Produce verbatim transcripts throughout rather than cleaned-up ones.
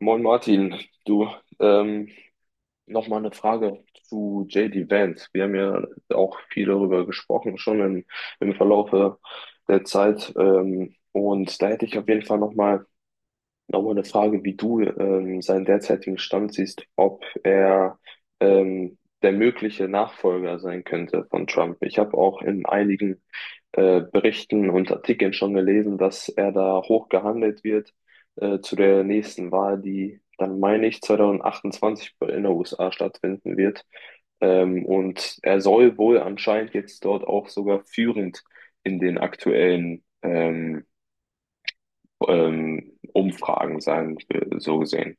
Moin Martin, du, ähm, nochmal eine Frage zu J D Vance. Wir haben ja auch viel darüber gesprochen, schon im, im Verlaufe der Zeit. Ähm, und da hätte ich auf jeden Fall nochmal Nochmal eine Frage, wie du ähm, seinen derzeitigen Stand siehst, ob er ähm, der mögliche Nachfolger sein könnte von Trump. Ich habe auch in einigen äh, Berichten und Artikeln schon gelesen, dass er da hoch gehandelt wird äh, zu der nächsten Wahl, die dann, meine ich, zwanzig achtundzwanzig in den U S A stattfinden wird. Ähm, und er soll wohl anscheinend jetzt dort auch sogar führend in den aktuellen ähm, ähm, Umfragen sein, äh, so gesehen.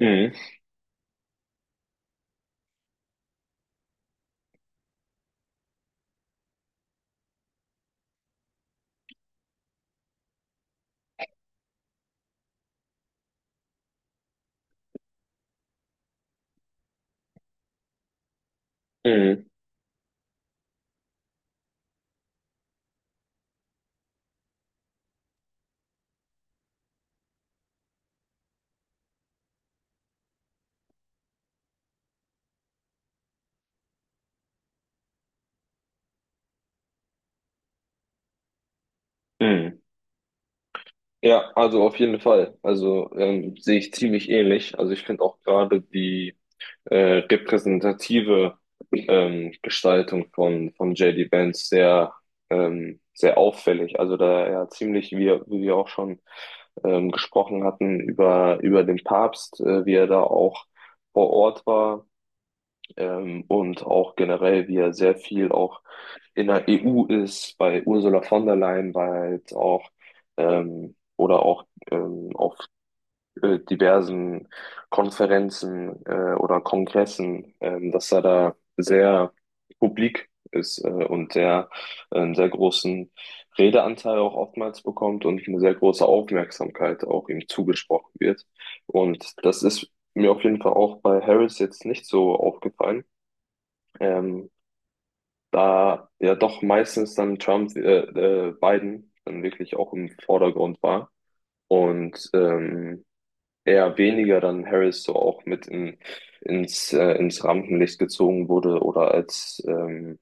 Mhm. Mhm. Mhm. Ja, also auf jeden Fall. Also ähm, sehe ich ziemlich ähnlich. Also ich finde auch gerade die äh, repräsentative ähm, Gestaltung von, von J D. Vance sehr, ähm, sehr auffällig. Also da er ja, ziemlich, wie, er- wie wir auch schon ähm, gesprochen hatten, über, über den Papst, äh, wie er da auch vor Ort war. Ähm, und auch generell, wie er sehr viel auch in der E U ist, bei Ursula von der Leyen war er halt auch ähm, oder auch ähm, auf äh, diversen Konferenzen äh, oder Kongressen, ähm, dass er da sehr publik ist äh, und sehr, äh, einen sehr großen Redeanteil auch oftmals bekommt und eine sehr große Aufmerksamkeit auch ihm zugesprochen wird. Und das ist mir auf jeden Fall auch bei Harris jetzt nicht so aufgefallen. Ähm, Da ja doch meistens dann Trump, äh, äh, Biden dann wirklich auch im Vordergrund war und ähm, eher weniger dann Harris so auch mit in, ins, äh, ins Rampenlicht gezogen wurde oder als, ähm,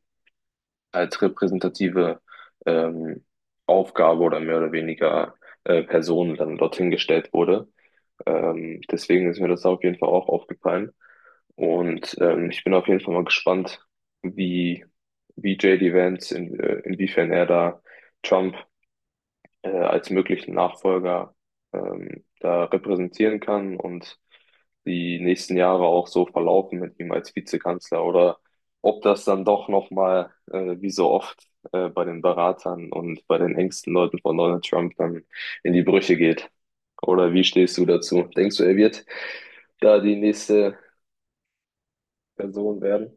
als repräsentative ähm, Aufgabe oder mehr oder weniger äh, Person dann dorthin gestellt wurde. Ähm, deswegen ist mir das auf jeden Fall auch aufgefallen. Und ähm, ich bin auf jeden Fall mal gespannt, wie, wie J D Vance, in, äh, inwiefern er da Trump äh, als möglichen Nachfolger ähm, da repräsentieren kann und die nächsten Jahre auch so verlaufen mit ihm als Vizekanzler oder ob das dann doch nochmal, äh, wie so oft, äh, bei den Beratern und bei den engsten Leuten von Donald Trump dann in die Brüche geht. Oder wie stehst du dazu? Denkst du, er wird da die nächste Person werden?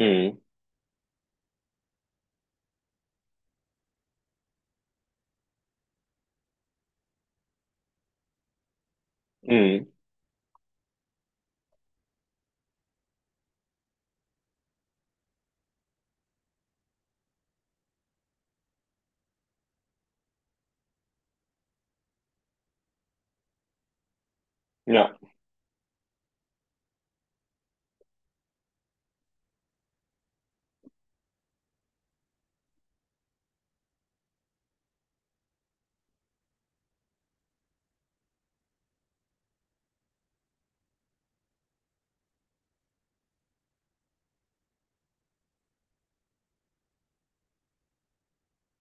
Mhm. Mhm. Ja.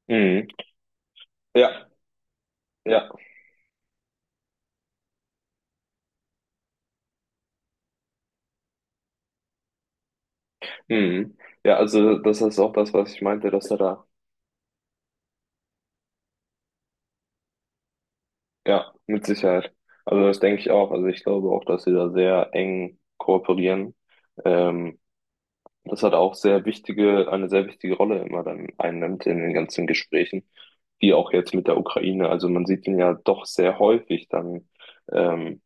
Mhm. Ja. Ja. Mhm. Ja, also das ist auch das, was ich meinte, dass er da. Ja, mit Sicherheit. Also das denke ich auch. Also ich glaube auch, dass sie da sehr eng kooperieren. Ähm, Das hat auch sehr wichtige, eine sehr wichtige Rolle immer dann einnimmt in den ganzen Gesprächen, wie auch jetzt mit der Ukraine. Also man sieht ihn ja doch sehr häufig dann ähm,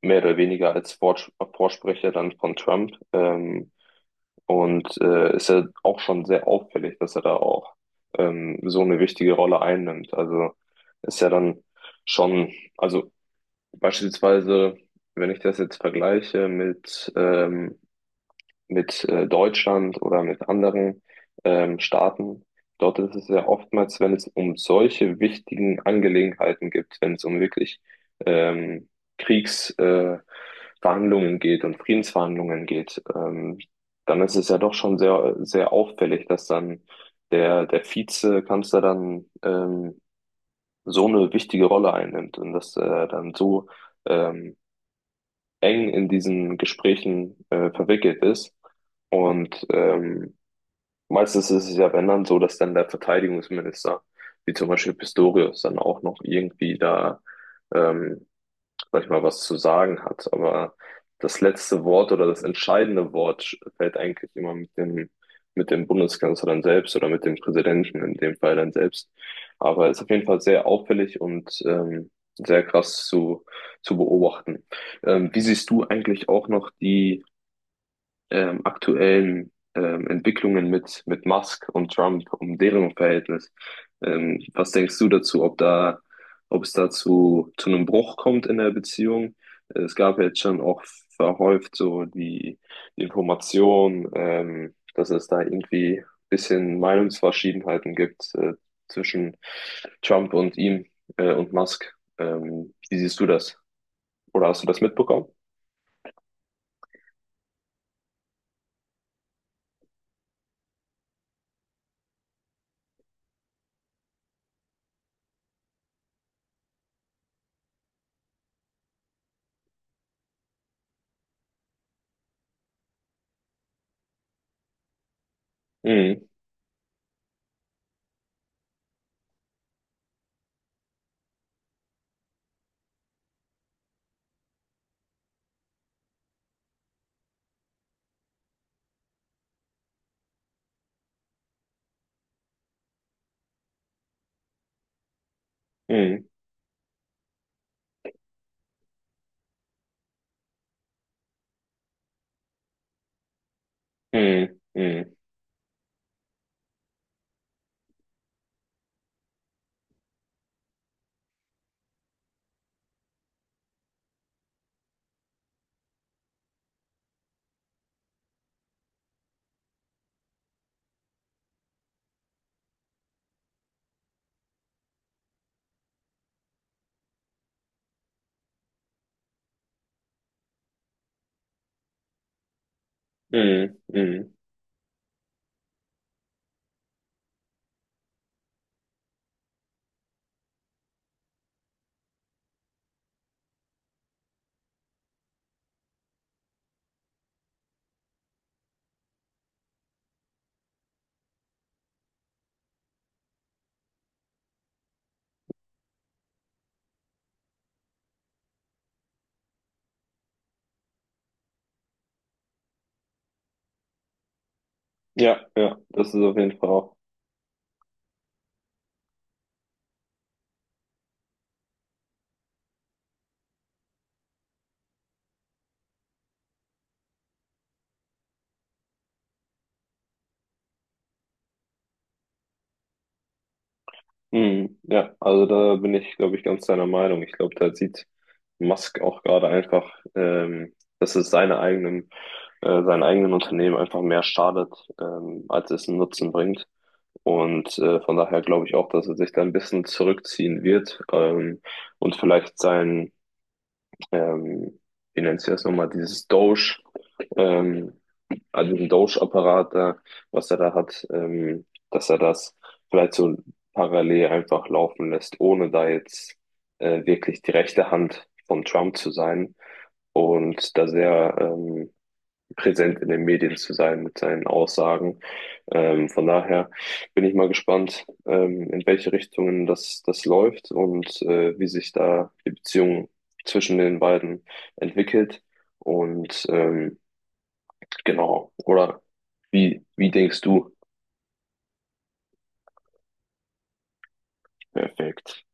mehr oder weniger als Vor Vorsprecher dann von Trump. Ähm, und äh, ist ja auch schon sehr auffällig, dass er da auch ähm, so eine wichtige Rolle einnimmt. Also ist ja dann schon, also beispielsweise, wenn ich das jetzt vergleiche mit, ähm, mit äh, Deutschland oder mit anderen ähm, Staaten, dort ist es ja oftmals, wenn es um solche wichtigen Angelegenheiten gibt, wenn es um wirklich ähm, Kriegsverhandlungen äh, Verhandlungen geht und Friedensverhandlungen geht, ähm, dann ist es ja doch schon sehr, sehr auffällig, dass dann der, der Vizekanzler dann ähm, so eine wichtige Rolle einnimmt und dass er dann so ähm, eng in diesen Gesprächen äh, verwickelt ist. Und ähm, meistens ist es ja, wenn dann so, dass dann der Verteidigungsminister, wie zum Beispiel Pistorius, dann auch noch irgendwie da ähm, sag ich mal, was zu sagen hat. Aber das letzte Wort oder das entscheidende Wort sch- fällt eigentlich immer mit dem, mit dem Bundeskanzler dann selbst oder mit dem Präsidenten in dem Fall dann selbst. Aber ist auf jeden Fall sehr auffällig und ähm, sehr krass zu, zu beobachten. Ähm, wie siehst du eigentlich auch noch die ähm, aktuellen ähm, Entwicklungen mit, mit Musk und Trump, um deren Verhältnis. Ähm, was denkst du dazu, ob da, ob es dazu zu einem Bruch kommt in der Beziehung? Es gab ja jetzt schon auch verhäuft so die, die Information, ähm, dass es da irgendwie ein bisschen Meinungsverschiedenheiten gibt äh, zwischen Trump und ihm äh, und Musk. Ähm, wie siehst du das? Oder hast du das mitbekommen? Mhm. Mhm. Mhm. Mhm. Mhm. Mhm. Ja, ja, das ist auf jeden Fall auch. Mhm. Ja, also da bin ich, glaube ich, ganz deiner Meinung. Ich glaube, da sieht Musk auch gerade einfach, ähm, dass es seine eigenen, äh, seinen eigenen Unternehmen einfach mehr schadet, ähm, als es einen Nutzen bringt. Und äh, von daher glaube ich auch, dass er sich da ein bisschen zurückziehen wird ähm, und vielleicht sein, ähm, wie nennt sich das nochmal, dieses Doge, ähm, also diesen Doge-Apparat da, was er da hat, ähm, dass er das vielleicht so parallel einfach laufen lässt, ohne da jetzt äh, wirklich die rechte Hand von Trump zu sein und da sehr ähm, präsent in den Medien zu sein mit seinen Aussagen. Ähm, von daher bin ich mal gespannt, ähm, in welche Richtungen das, das läuft und äh, wie sich da die Beziehung zwischen den beiden entwickelt. Und ähm, genau, oder wie, wie denkst du? Perfekt.